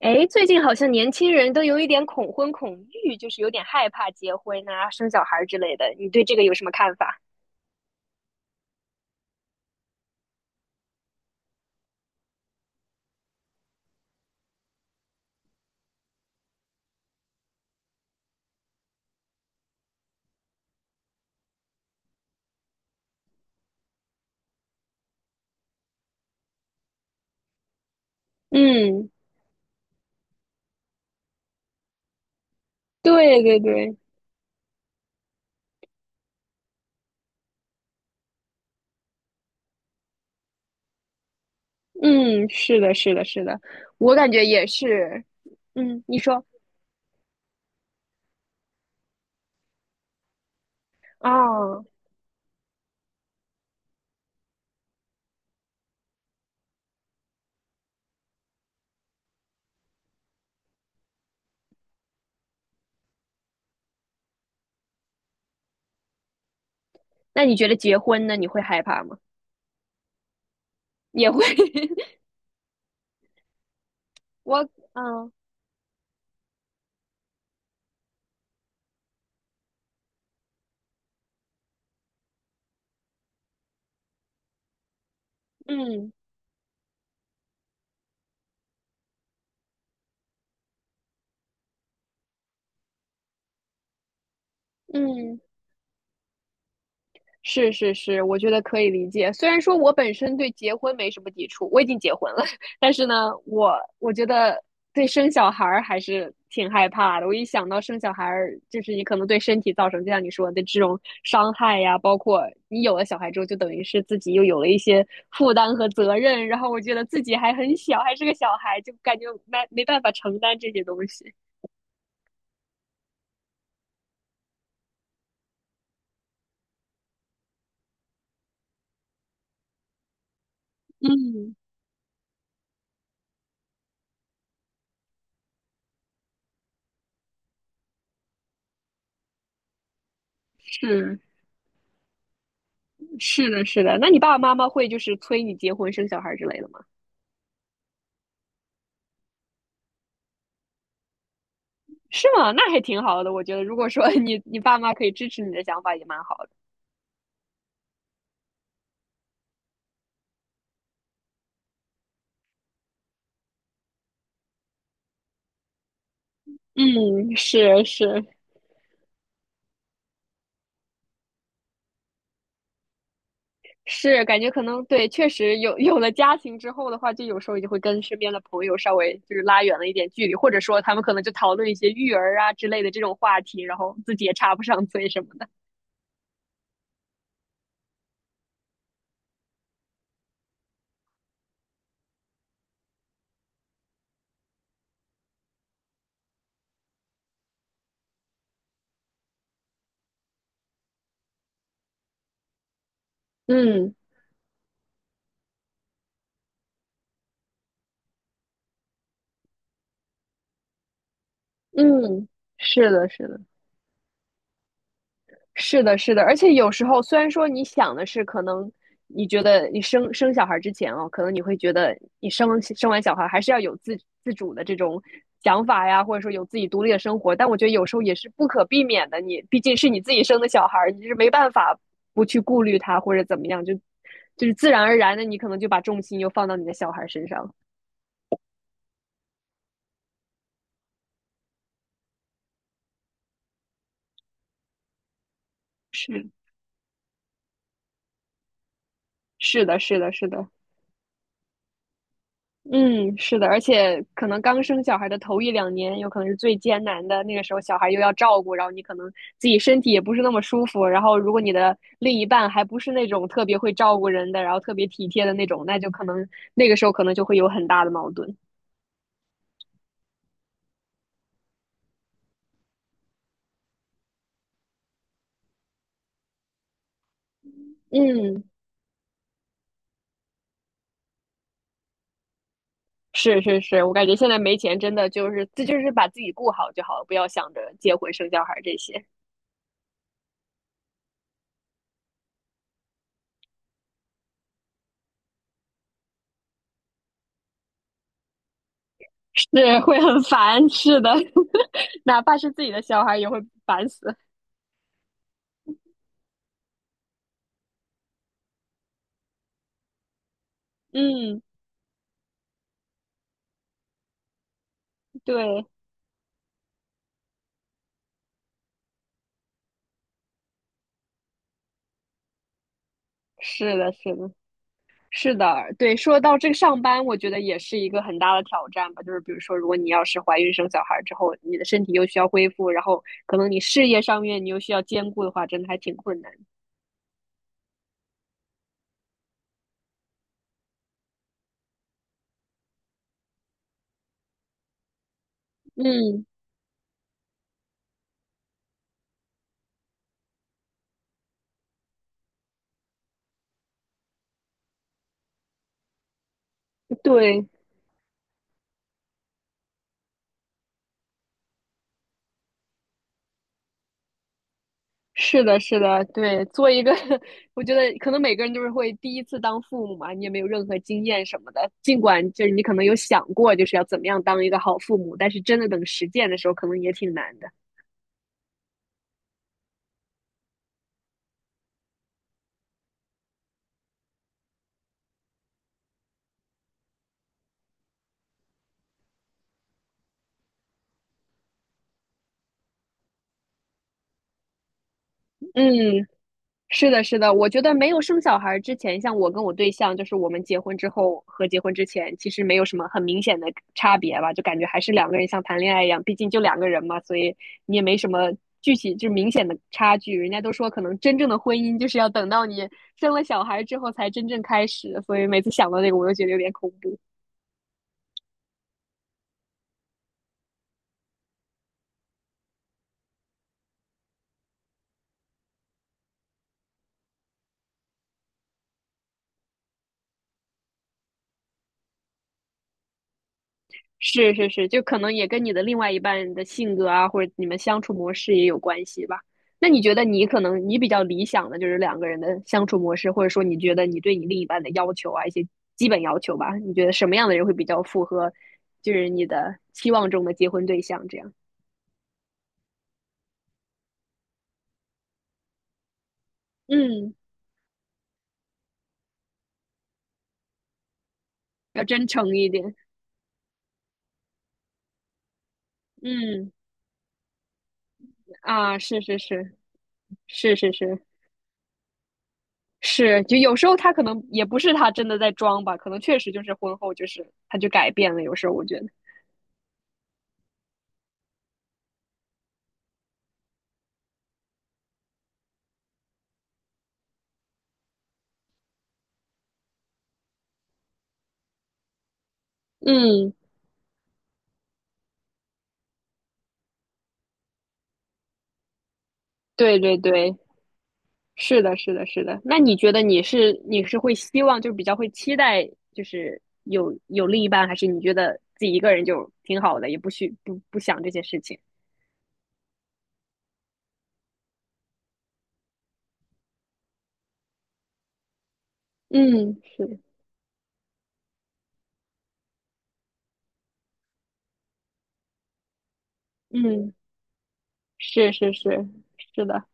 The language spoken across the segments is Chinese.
哎，最近好像年轻人都有一点恐婚恐育，就是有点害怕结婚啊、生小孩儿之类的。你对这个有什么看法？嗯，对对对，嗯，是的，是的，是的，我感觉也是。嗯，你说，哦，那你觉得结婚呢？你会害怕吗？也会，我，嗯嗯嗯。是是是，我觉得可以理解。虽然说我本身对结婚没什么抵触，我已经结婚了，但是呢，我觉得对生小孩儿还是挺害怕的。我一想到生小孩儿，就是你可能对身体造成，就像你说的这种伤害呀，包括你有了小孩之后，就等于是自己又有了一些负担和责任。然后我觉得自己还很小，还是个小孩，就感觉没办法承担这些东西。嗯，是是的，是的。那你爸爸妈妈会就是催你结婚生小孩之类的吗？是吗？那还挺好的，我觉得，如果说你 你爸妈可以支持你的想法，也蛮好的。嗯，是是是，感觉可能对，确实有 有了家庭之后的话，就有时候也会跟身边的朋友稍微就是拉远了一点距离，或者说他们可能就讨论一些育儿啊之类的这种话题，然后自己也插不上嘴什么的。嗯嗯，是的，是的。是的，是的，而且有时候虽然说你想的是，可能你觉得你生小孩之前哦，可能你会觉得你生完小孩还是要有自主的这种想法呀，或者说有自己独立的生活，但我觉得有时候也是不可避免的，你毕竟是你自己生的小孩，你是没办法不去顾虑他或者怎么样，就是自然而然的，你可能就把重心又放到你的小孩身上。是是的，是的，是的，嗯，是的，而且可能刚生小孩的头一两年，有可能是最艰难的。那个时候，小孩又要照顾，然后你可能自己身体也不是那么舒服。然后，如果你的另一半还不是那种特别会照顾人的，然后特别体贴的那种，那就可能那个时候可能就会有很大的矛盾。嗯，是是是，我感觉现在没钱真的就是这就是把自己顾好就好了，不要想着结婚生小孩这些，是会很烦。是的，哪怕是自己的小孩也会烦死。嗯，对。是的，是的，是的，对。说到这个上班，我觉得也是一个很大的挑战吧。就是比如说，如果你要是怀孕生小孩之后，你的身体又需要恢复，然后可能你事业上面你又需要兼顾的话，真的还挺困难。嗯，对，是的，是的，对。做一个，我觉得可能每个人都是会第一次当父母嘛，你也没有任何经验什么的。尽管就是你可能有想过就是要怎么样当一个好父母，但是真的等实践的时候，可能也挺难的。嗯，是的，是的，我觉得没有生小孩之前，像我跟我对象，就是我们结婚之后和结婚之前，其实没有什么很明显的差别吧，就感觉还是两个人像谈恋爱一样，毕竟就两个人嘛，所以你也没什么具体就明显的差距。人家都说，可能真正的婚姻就是要等到你生了小孩之后才真正开始，所以每次想到这个，我就觉得有点恐怖。是是是，就可能也跟你的另外一半的性格啊，或者你们相处模式也有关系吧。那你觉得你可能你比较理想的就是两个人的相处模式，或者说你觉得你对你另一半的要求啊，一些基本要求吧，你觉得什么样的人会比较符合，就是你的期望中的结婚对象这样？嗯，要真诚一点。嗯，啊，是是是是是是是，就有时候他可能也不是他真的在装吧，可能确实就是婚后就是他就改变了，有时候我觉得，嗯。对对对，是的，是的，是的。那你觉得你是会希望就是比较会期待就是有另一半，还是你觉得自己一个人就挺好的，也不需不不想这些事情？嗯，是，嗯，是是是是的。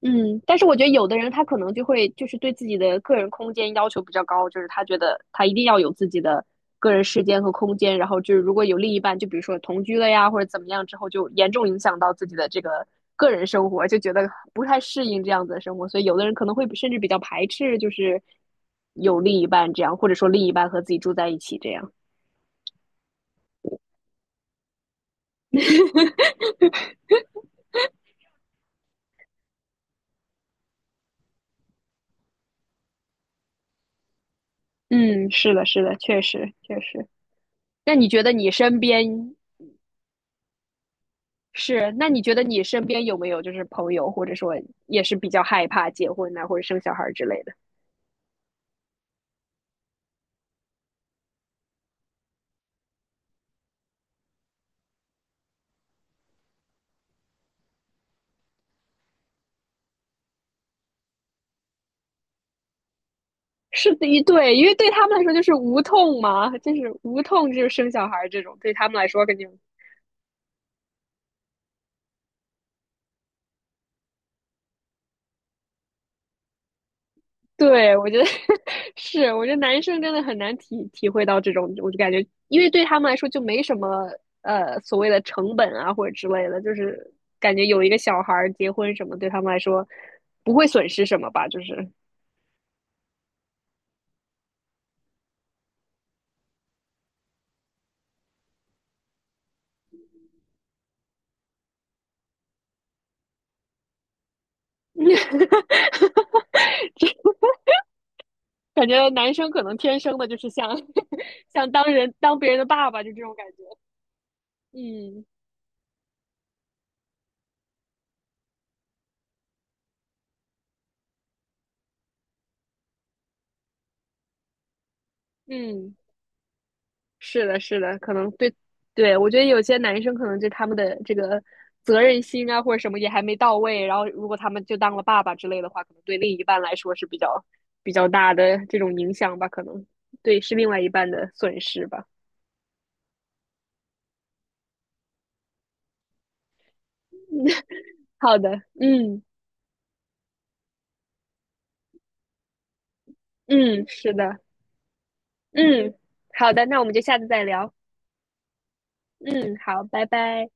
嗯，但是我觉得有的人他可能就会就是对自己的个人空间要求比较高，就是他觉得他一定要有自己的个人时间和空间，然后就是如果有另一半，就比如说同居了呀或者怎么样之后，就严重影响到自己的这个个人生活，就觉得不太适应这样子的生活，所以有的人可能会甚至比较排斥，就是有另一半这样，或者说另一半和自己住在一起这样。嗯，是的，是的，确实确实。那你觉得你身边是，那你觉得你身边有没有就是朋友，或者说也是比较害怕结婚呐、或者生小孩之类的？是的，对，因为对他们来说就是无痛嘛，就是无痛就是生小孩这种，对他们来说肯定。对，我觉得 是，我觉得男生真的很难体会到这种，我就感觉，因为对他们来说就没什么所谓的成本啊或者之类的，就是感觉有一个小孩儿结婚什么，对他们来说不会损失什么吧，就是。这感觉男生可能天生的就是像 像当别人的爸爸，就这种感觉。嗯嗯，是的，是的，可能对对，我觉得有些男生可能就他们的这个责任心啊或者什么也还没到位，然后如果他们就当了爸爸之类的话，可能对另一半来说是比较大的这种影响吧，可能对是另外一半的损失吧。好的，嗯嗯，是的，嗯，好的，那我们就下次再聊。嗯，好，拜拜。